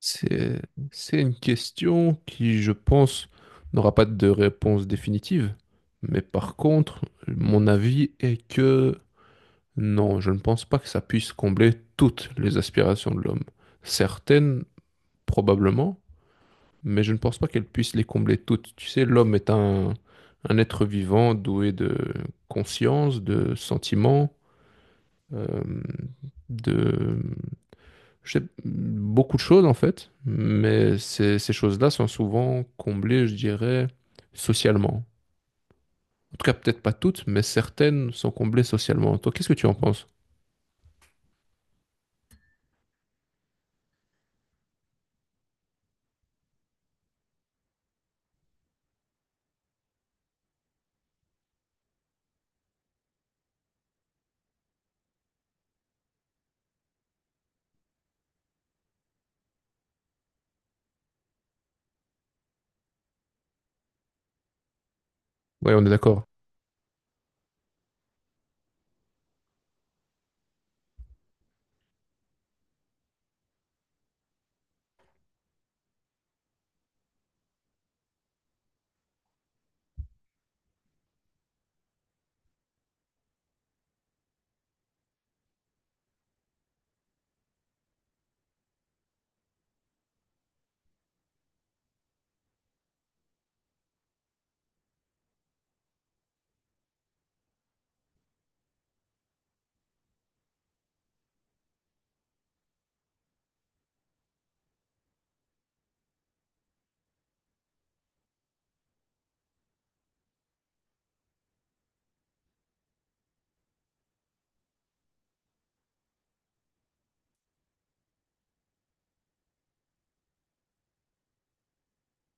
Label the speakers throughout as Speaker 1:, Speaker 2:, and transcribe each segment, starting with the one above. Speaker 1: C'est, c'est une question qui, je pense, n'aura pas de réponse définitive. Mais par contre, mon avis est que non, je ne pense pas que ça puisse combler toutes les aspirations de l'homme. Certaines, probablement, mais je ne pense pas qu'elles puissent les combler toutes. Tu sais, l'homme est un être vivant doué de conscience, de sentiments, euh, de je sais beaucoup de choses en fait, mais ces choses-là sont souvent comblées, je dirais, socialement. En tout cas, peut-être pas toutes, mais certaines sont comblées socialement. Toi, qu'est-ce que tu en penses? Oui, on est d'accord.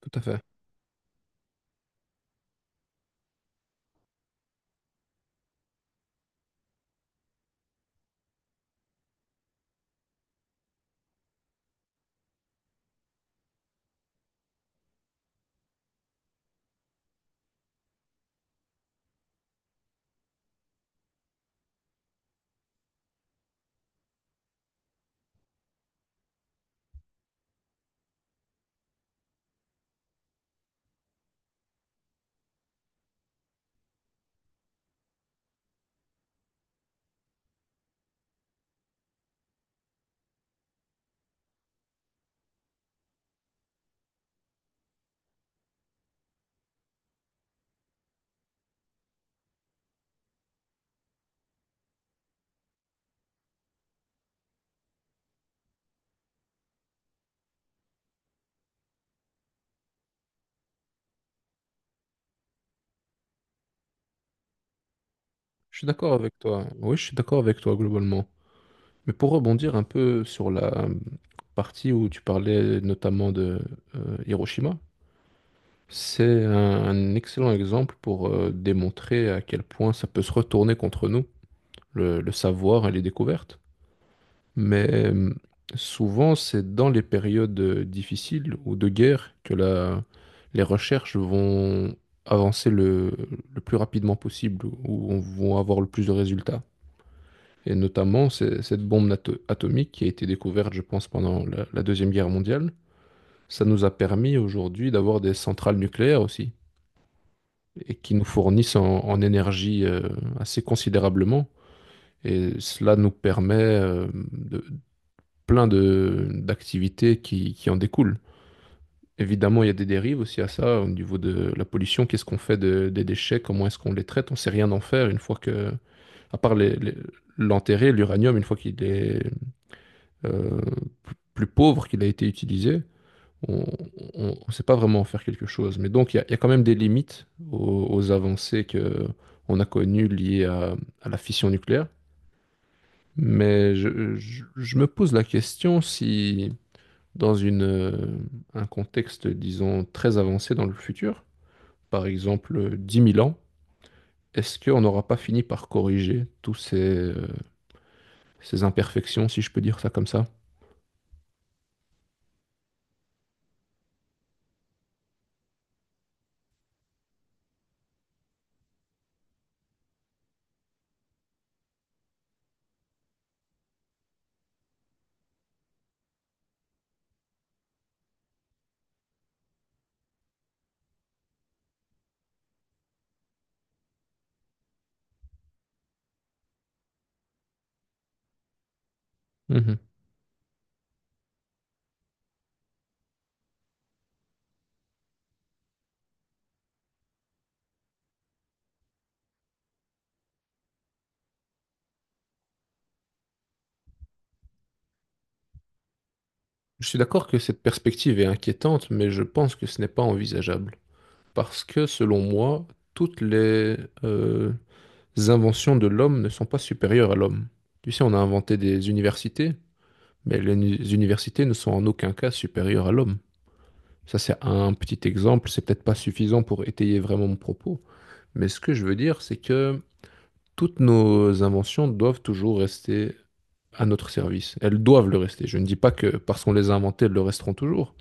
Speaker 1: Tout à fait. Je suis d'accord avec toi. Oui, je suis d'accord avec toi globalement. Mais pour rebondir un peu sur la partie où tu parlais notamment de Hiroshima, c'est un excellent exemple pour démontrer à quel point ça peut se retourner contre nous, le savoir et les découvertes. Mais souvent, c'est dans les périodes difficiles ou de guerre que les recherches vont avancer le plus rapidement possible, ou vont avoir le plus de résultats. Et notamment, cette bombe atomique qui a été découverte, je pense, pendant la Deuxième Guerre mondiale, ça nous a permis aujourd'hui d'avoir des centrales nucléaires aussi, et qui nous fournissent en énergie assez considérablement. Et cela nous permet de plein de d'activités qui en découlent. Évidemment, il y a des dérives aussi à ça au niveau de la pollution. Qu'est-ce qu'on fait des déchets? Comment est-ce qu'on les traite? On sait rien en faire une fois que, à part l'enterrer, l'uranium, une fois qu'il est euh, plus pauvre qu'il a été utilisé, on ne sait pas vraiment en faire quelque chose. Mais donc, il y a quand même des limites aux avancées que on a connues liées à la fission nucléaire. Mais je me pose la question si dans une, un contexte, disons, très avancé dans le futur, par exemple 10 000 ans, est-ce qu'on n'aura pas fini par corriger tous ces, ces imperfections, si je peux dire ça comme ça? Mhm. Je suis d'accord que cette perspective est inquiétante, mais je pense que ce n'est pas envisageable. Parce que, selon moi, toutes les euh, inventions de l'homme ne sont pas supérieures à l'homme. Tu sais, on a inventé des universités, mais les universités ne sont en aucun cas supérieures à l'homme. Ça, c'est un petit exemple, c'est peut-être pas suffisant pour étayer vraiment mon propos, mais ce que je veux dire, c'est que toutes nos inventions doivent toujours rester à notre service. Elles doivent le rester. Je ne dis pas que parce qu'on les a inventées, elles le resteront toujours,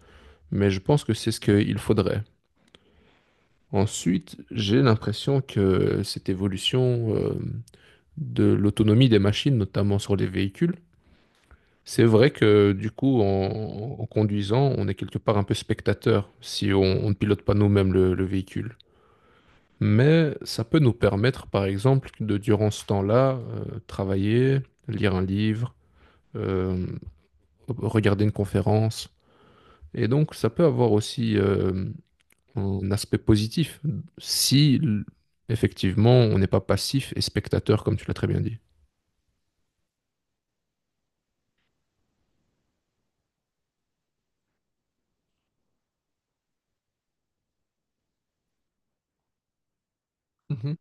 Speaker 1: mais je pense que c'est ce qu'il faudrait. Ensuite, j'ai l'impression que cette évolution de l'autonomie des machines, notamment sur les véhicules, c'est vrai que du coup, en conduisant, on est quelque part un peu spectateur si on ne pilote pas nous-mêmes le véhicule. Mais ça peut nous permettre, par exemple, de durant ce temps-là, travailler, lire un livre, euh, regarder une conférence. Et donc, ça peut avoir aussi un aspect positif si, effectivement, on n'est pas passif et spectateur, comme tu l'as très bien dit. Mhm.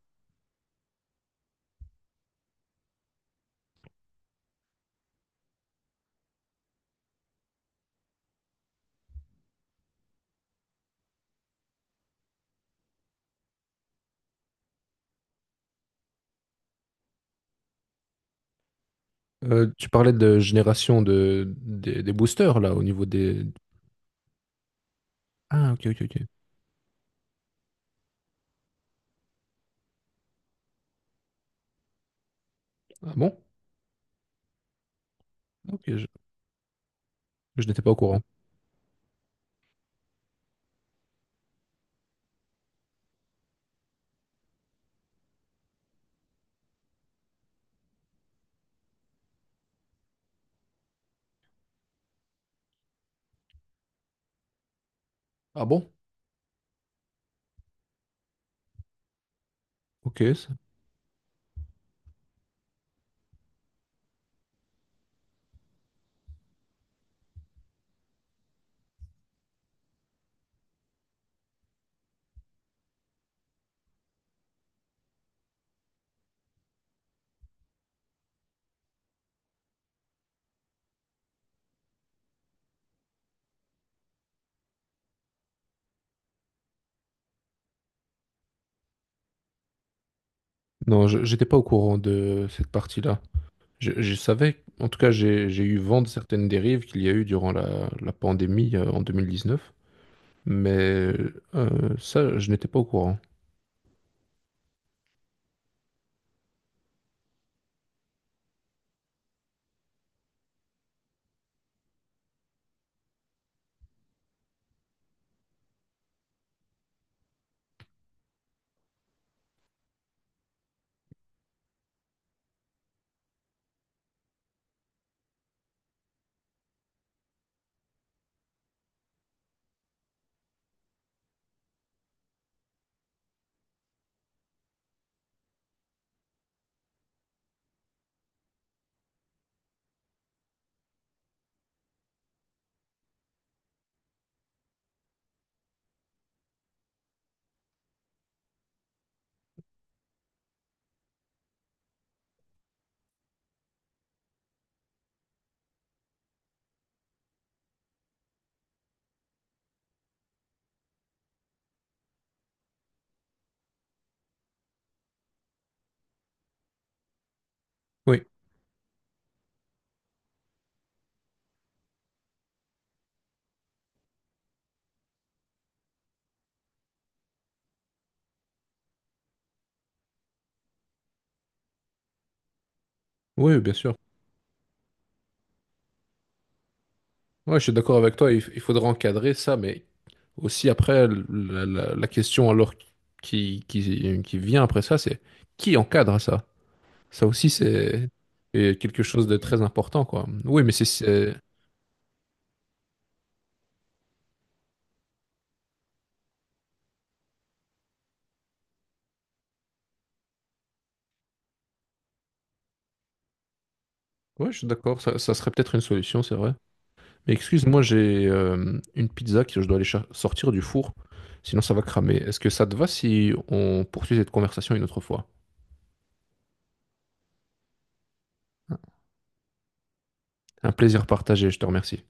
Speaker 1: Tu parlais de génération de, des boosters, là, au niveau des... Ah, ok, ok, ok. Ah bon? Ok, je n'étais pas au courant. Ah bon? Ok. ça- Non, j'étais pas au courant de cette partie-là. Je savais, en tout cas, j'ai eu vent de certaines dérives qu'il y a eu durant la pandémie en 2019, mais ça, je n'étais pas au courant. Oui, oui, bien sûr. Ouais, je suis d'accord avec toi, il, il faudra encadrer ça, mais aussi après, la question alors qui vient après ça, c'est qui encadre ça? Ça aussi, c'est quelque chose de très important, quoi. Oui, mais c'est- Ouais, je suis d'accord, ça serait peut-être une solution, c'est vrai. Mais excuse-moi, j'ai une pizza que je dois aller sortir du four, sinon ça va cramer. Est-ce que ça te va si on poursuit cette conversation une autre fois? Un plaisir partagé, je te remercie.